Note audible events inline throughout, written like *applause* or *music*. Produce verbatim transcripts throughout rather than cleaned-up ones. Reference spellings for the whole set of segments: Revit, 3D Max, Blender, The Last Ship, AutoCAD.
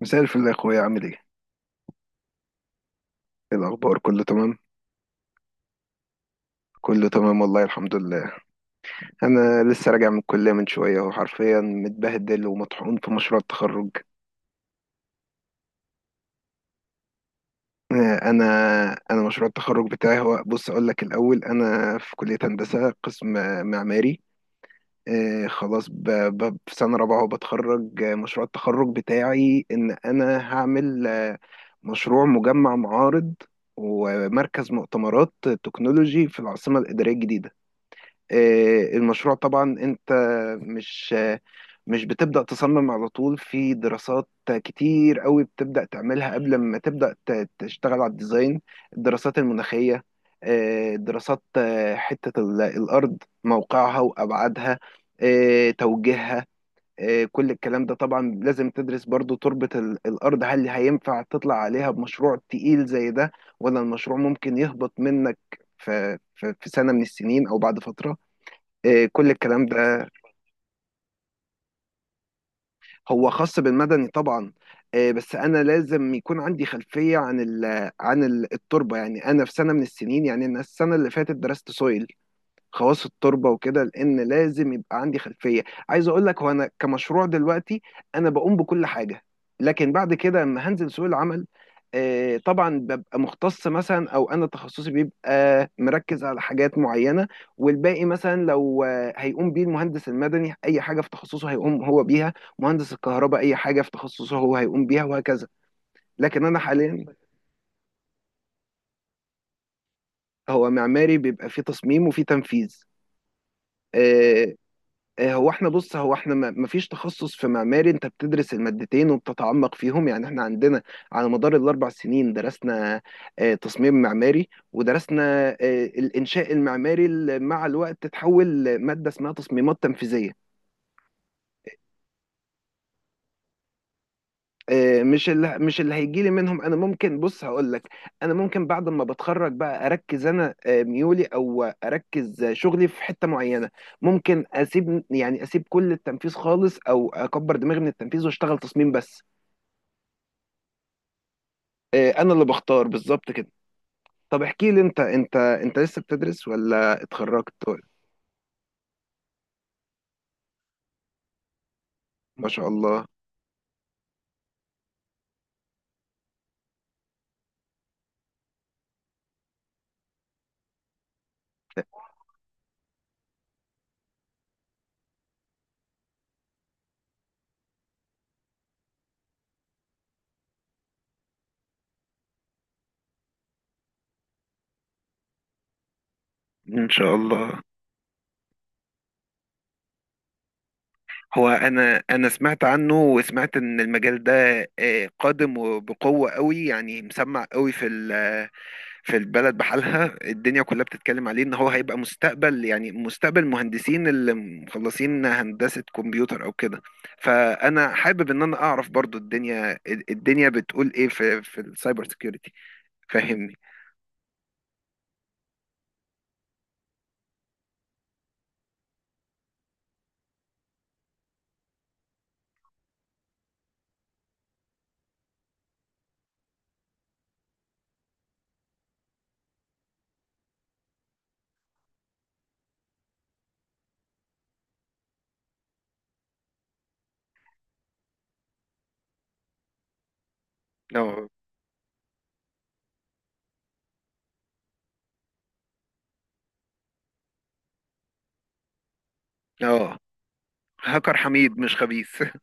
مساء الفل يا اخويا، عامل ايه؟ إيه الاخبار، كله تمام؟ كله تمام والله، الحمد لله. انا لسه راجع من الكليه من شويه، اهو حرفيا متبهدل ومطحون في مشروع التخرج. آه، انا انا مشروع التخرج بتاعي هو، بص اقول لك الاول، انا في كليه هندسه قسم آه، معماري. آه، خلاص ب... ب... في سنه رابعه وبتخرج. آه، مشروع التخرج بتاعي ان انا هعمل آه، مشروع مجمع معارض، ومركز مؤتمرات تكنولوجي في العاصمه الاداريه الجديده. آه، المشروع طبعا، انت مش آه، مش بتبدأ تصمم على طول، في دراسات كتير قوي بتبدأ تعملها قبل ما تبدأ ت- تشتغل على الديزاين. الدراسات المناخية، آه، دراسات، آه، حتة ال- الأرض، موقعها وأبعادها، آه، توجيهها. آه، كل الكلام ده طبعا لازم تدرس برضو تربة ال- الأرض، هل هينفع تطلع عليها بمشروع تقيل زي ده، ولا المشروع ممكن يهبط منك في في في سنة من السنين أو بعد فترة. آه، كل الكلام ده. هو خاص بالمدني طبعا. آه، بس انا لازم يكون عندي خلفيه عن ال عن ال- التربه، يعني انا في سنه من السنين. يعني انا السنه اللي فاتت درست سويل، خواص التربه وكده، لان لازم يبقى عندي خلفيه. عايز اقول لك، هو انا كمشروع دلوقتي انا بقوم بكل حاجه، لكن بعد كده لما هنزل سوق العمل آه، طبعا ببقى مختص مثلا، او انا تخصصي بيبقى مركز على حاجات معينه. والباقي مثلا لو آه، هيقوم بيه المهندس المدني اي حاجه في تخصصه هيقوم هو بيها، مهندس الكهرباء اي حاجه في تخصصه هو هيقوم بيها، وهكذا. لكن انا حاليا. هو معماري بيبقى فيه تصميم وفيه تنفيذ. آه، آه، هو احنا، بص، هو احنا ما ما فيش تخصص في معماري، انت بتدرس المادتين وبتتعمق فيهم. يعني احنا عندنا على مدار الاربع سنين درسنا آه، تصميم معماري، ودرسنا آه، الانشاء المعماري اللي مع الوقت تتحول ماده اسمها تصميمات تنفيذيه. آه، مش اللي مش اللي هيجي لي منهم. انا ممكن، بص هقول لك، انا ممكن بعد ما بتخرج بقى اركز انا آه، ميولي، او اركز شغلي في حته معينه. ممكن اسيب، يعني اسيب كل التنفيذ خالص، او اكبر دماغي من التنفيذ واشتغل تصميم بس. إيه، انا اللي بختار بالظبط كده. طب احكي لي انت، انت انت لسه بتدرس ولا اتخرجت؟ ما شاء الله. ان شاء الله. هو، انا انا سمعت عنه، وسمعت ان المجال ده آه، قادم وبقوة قوي، يعني مسمع قوي في ال- في البلد بحالها، الدنيا كلها بتتكلم عليه ان هو هيبقى مستقبل، يعني مستقبل مهندسين اللي مخلصين هندسة كمبيوتر او كده. فانا حابب ان انا اعرف برضو الدنيا، الدنيا بتقول ايه في في السايبر سيكيورتي. فاهمني؟ اه. اه، هاكر حميد مش خبيث. *laughs*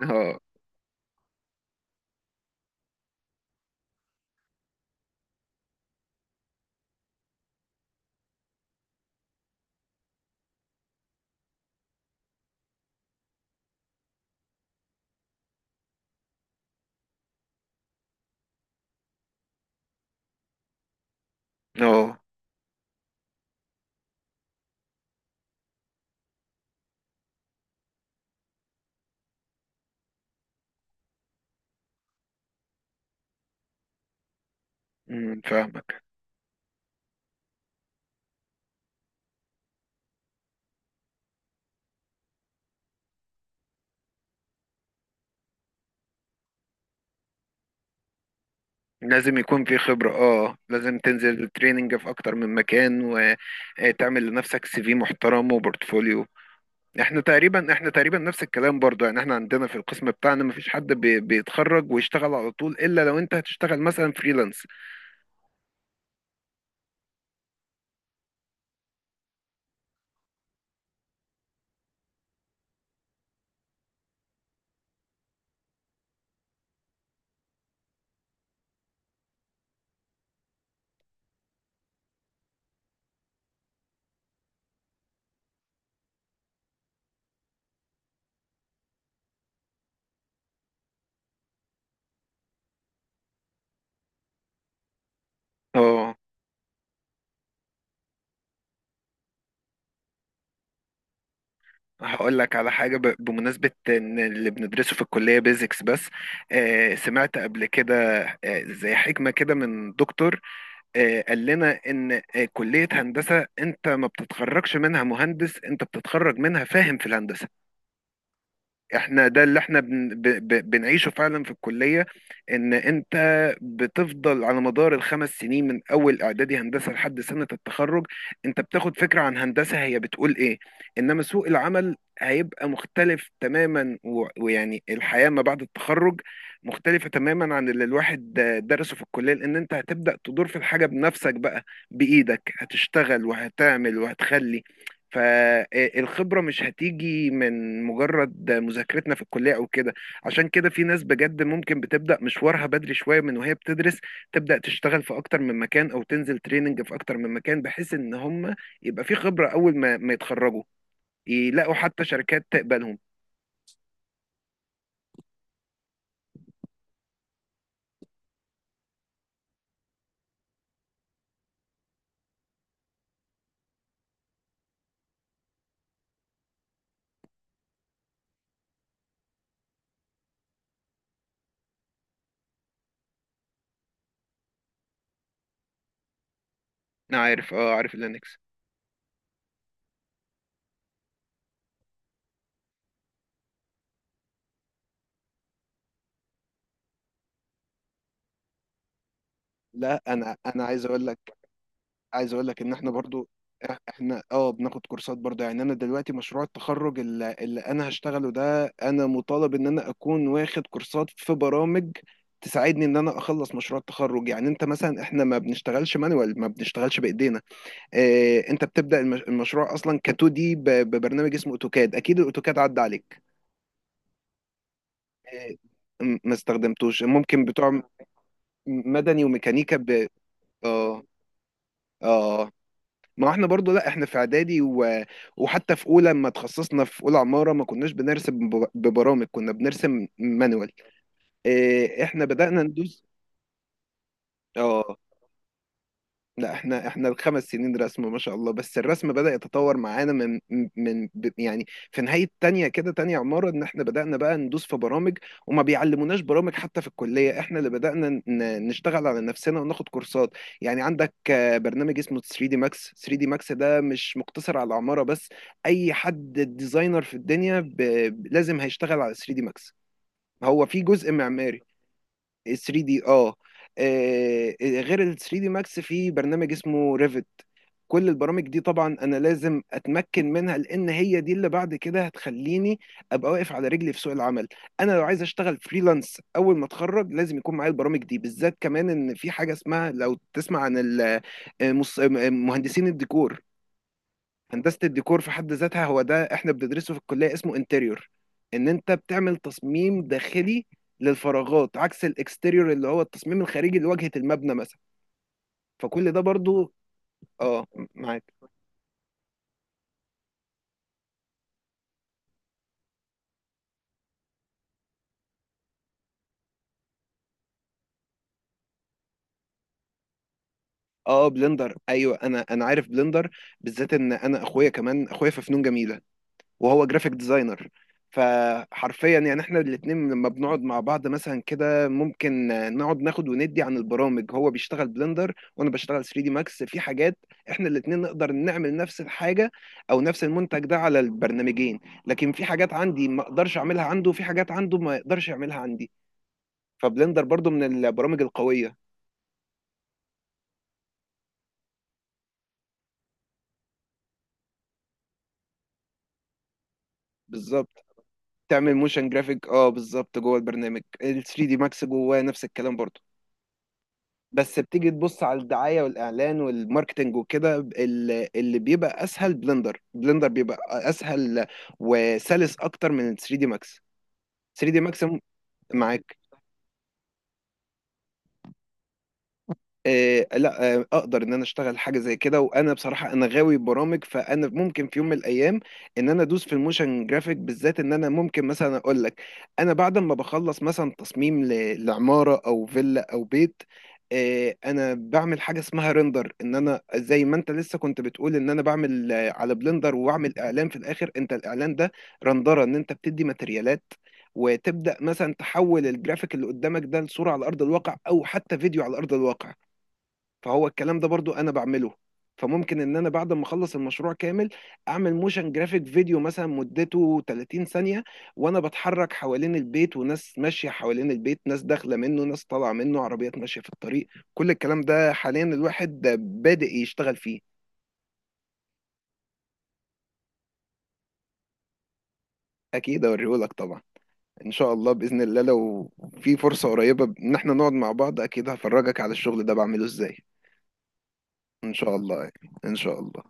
اه. اه. أمم، فاهمك. لازم يكون في خبرة. اه، لازم تنزل تريننج في اكتر من مكان، وتعمل لنفسك سي في محترم وبورتفوليو. احنا تقريبا احنا تقريبا نفس الكلام برضو. يعني احنا عندنا في القسم بتاعنا مفيش حد بي- بيتخرج ويشتغل على طول، الا لو انت هتشتغل مثلا فريلانس. اه. هقول لك على حاجة، ب- بمناسبة إن اللي بندرسه في الكلية بيزكس بس. آه سمعت قبل كده آه زي حكمة كده من دكتور. آه، قال لنا ان آه، كلية هندسة انت ما بتتخرجش منها مهندس، انت بتتخرج منها فاهم في الهندسة. احنا ده اللي احنا بن... ب... ب... بنعيشه فعلا في الكلية. ان انت بتفضل على مدار الخمس سنين من اول اعدادي هندسة لحد سنة التخرج، انت بتاخد فكرة عن هندسة هي بتقول ايه. انما سوق العمل هيبقى مختلف تماما و... ويعني الحياة ما بعد التخرج مختلفة تماما عن اللي الواحد درسه في الكلية، لان انت هتبدأ تدور في الحاجة بنفسك بقى. بإيدك هتشتغل وهتعمل وهتخلي، فالخبرة مش هتيجي من مجرد مذاكرتنا في الكلية أو كده. عشان كده في ناس بجد ممكن بتبدأ مشوارها بدري شوية من وهي بتدرس، تبدأ تشتغل في أكتر من مكان أو تنزل تريننج في أكتر من مكان، بحيث إن هم يبقى في خبرة أول ما ما يتخرجوا، يلاقوا حتى شركات تقبلهم. أنا عارف. أه، عارف اللينكس. لا، أنا أنا عايز أقول لك، عايز اقول لك ان احنا برضو، إح- احنا، اه، بناخد كورسات برضو. يعني انا دلوقتي مشروع التخرج اللي, اللي انا هشتغله ده، انا مطالب ان انا اكون واخد كورسات في برامج تساعدني ان انا اخلص مشروع التخرج. يعني انت مثلا، احنا ما بنشتغلش مانوال، ما بنشتغلش بايدينا. اه، انت بتبدا المش- المشروع اصلا ك اتنين دي ب- ببرنامج اسمه اوتوكاد. اكيد الاوتوكاد عدى عليك. اه. م- ما استخدمتوش، ممكن بتوع م- مدني وميكانيكا ب... اه. اه، ما احنا برضو، لا احنا في اعدادي و... وحتى في اولى، لما تخصصنا في اولى عمارة ما كناش بنرسم بب- ببرامج، كنا بنرسم مانوال. اه، احنا بدأنا ندوس. اه، لا، احنا احنا الخمس سنين رسم ما شاء الله. بس الرسم بدأ يتطور معانا من من ب- يعني في نهاية تانية كده، تانية عمارة ان احنا بدأنا بقى ندوس في برامج. وما بيعلموناش برامج حتى في الكلية، احنا اللي بدأنا ن- نشتغل على نفسنا وناخد كورسات. يعني عندك آه، برنامج اسمه ثري دي ماكس. ثري دي ماكس ده مش مقتصر على العمارة بس، اي حد ديزاينر في الدنيا ب... ب- لازم هيشتغل على ثري دي ماكس. هو في جزء معماري ثري دي. اه. آه، غير ال ثري دي ماكس في برنامج اسمه ريفت. كل البرامج دي طبعا انا لازم اتمكن منها، لان هي دي اللي بعد كده هتخليني ابقى واقف على رجلي في سوق العمل. انا لو عايز اشتغل فريلانس اول ما اتخرج لازم يكون معايا البرامج دي بالذات، كمان ان في حاجه اسمها، لو تسمع عن ال- مص- مهندسين الديكور. هندسه الديكور في حد ذاتها هو ده احنا بندرسه في الكليه، اسمه انتريور. ان انت بتعمل تصميم داخلي للفراغات، عكس الاكستيريور اللي هو التصميم الخارجي لواجهه المبنى مثلا. فكل ده برضو. اه. معاك. اه، بلندر، ايوه، انا انا عارف بلندر، بالذات ان انا اخويا، كمان اخويا في فنون جميله وهو جرافيك ديزاينر. فحرفيا يعني احنا الاتنين لما بنقعد مع بعض مثلا كده، ممكن نقعد ناخد وندي عن البرامج. هو بيشتغل بلندر وانا بشتغل تلاتة دي ماكس. في حاجات احنا الاتنين نقدر نعمل نفس الحاجه، او نفس المنتج ده على البرنامجين. لكن في حاجات عندي ما اقدرش اعملها عنده، وفي حاجات عنده ما يقدرش يعملها عندي. فبلندر برضو من البرامج القويه. بالظبط. تعمل موشن جرافيك، اه بالظبط، جوه البرنامج ال تلاتة دي ماكس، جواه نفس الكلام برضه. بس بتيجي تبص على الدعايه والاعلان والماركتنج وكده، ال- اللي بيبقى اسهل بلندر بلندر بيبقى اسهل وسلس اكتر من ال ثري دي ماكس. ثري دي ماكس. معاك. آه لا، آه اقدر ان انا اشتغل حاجه زي كده. وانا بصراحه انا غاوي برامج، فانا ممكن في يوم من الايام ان انا ادوس في الموشن جرافيك. بالذات ان انا ممكن مثلا اقول لك، انا بعد ما بخلص مثلا تصميم ل- لعماره او فيلا او بيت، آه انا بعمل حاجه اسمها ريندر، ان انا زي ما انت لسه كنت بتقول ان انا بعمل آه، على بلندر واعمل اعلان في الاخر. انت الاعلان ده رندره، ان انت بتدي ماتريالات وتبدا مثلا تحول الجرافيك اللي قدامك ده لصوره على ارض الواقع، او حتى فيديو على ارض الواقع. فهو الكلام ده برضو انا بعمله. فممكن ان انا بعد ما اخلص المشروع كامل، اعمل موشن جرافيك فيديو مثلا مدته تلاتين ثانية، وانا بتحرك حوالين البيت، وناس ماشية حوالين البيت، ناس داخلة منه، ناس طالعة منه، عربيات ماشية في الطريق. كل الكلام ده حاليا الواحد بادئ يشتغل فيه. اكيد اوريهولك طبعا. ان شاء الله باذن الله، لو في فرصة قريبة ان احنا نقعد مع بعض اكيد هفرجك على الشغل ده بعمله ازاي. ان شاء الله. ان شاء الله.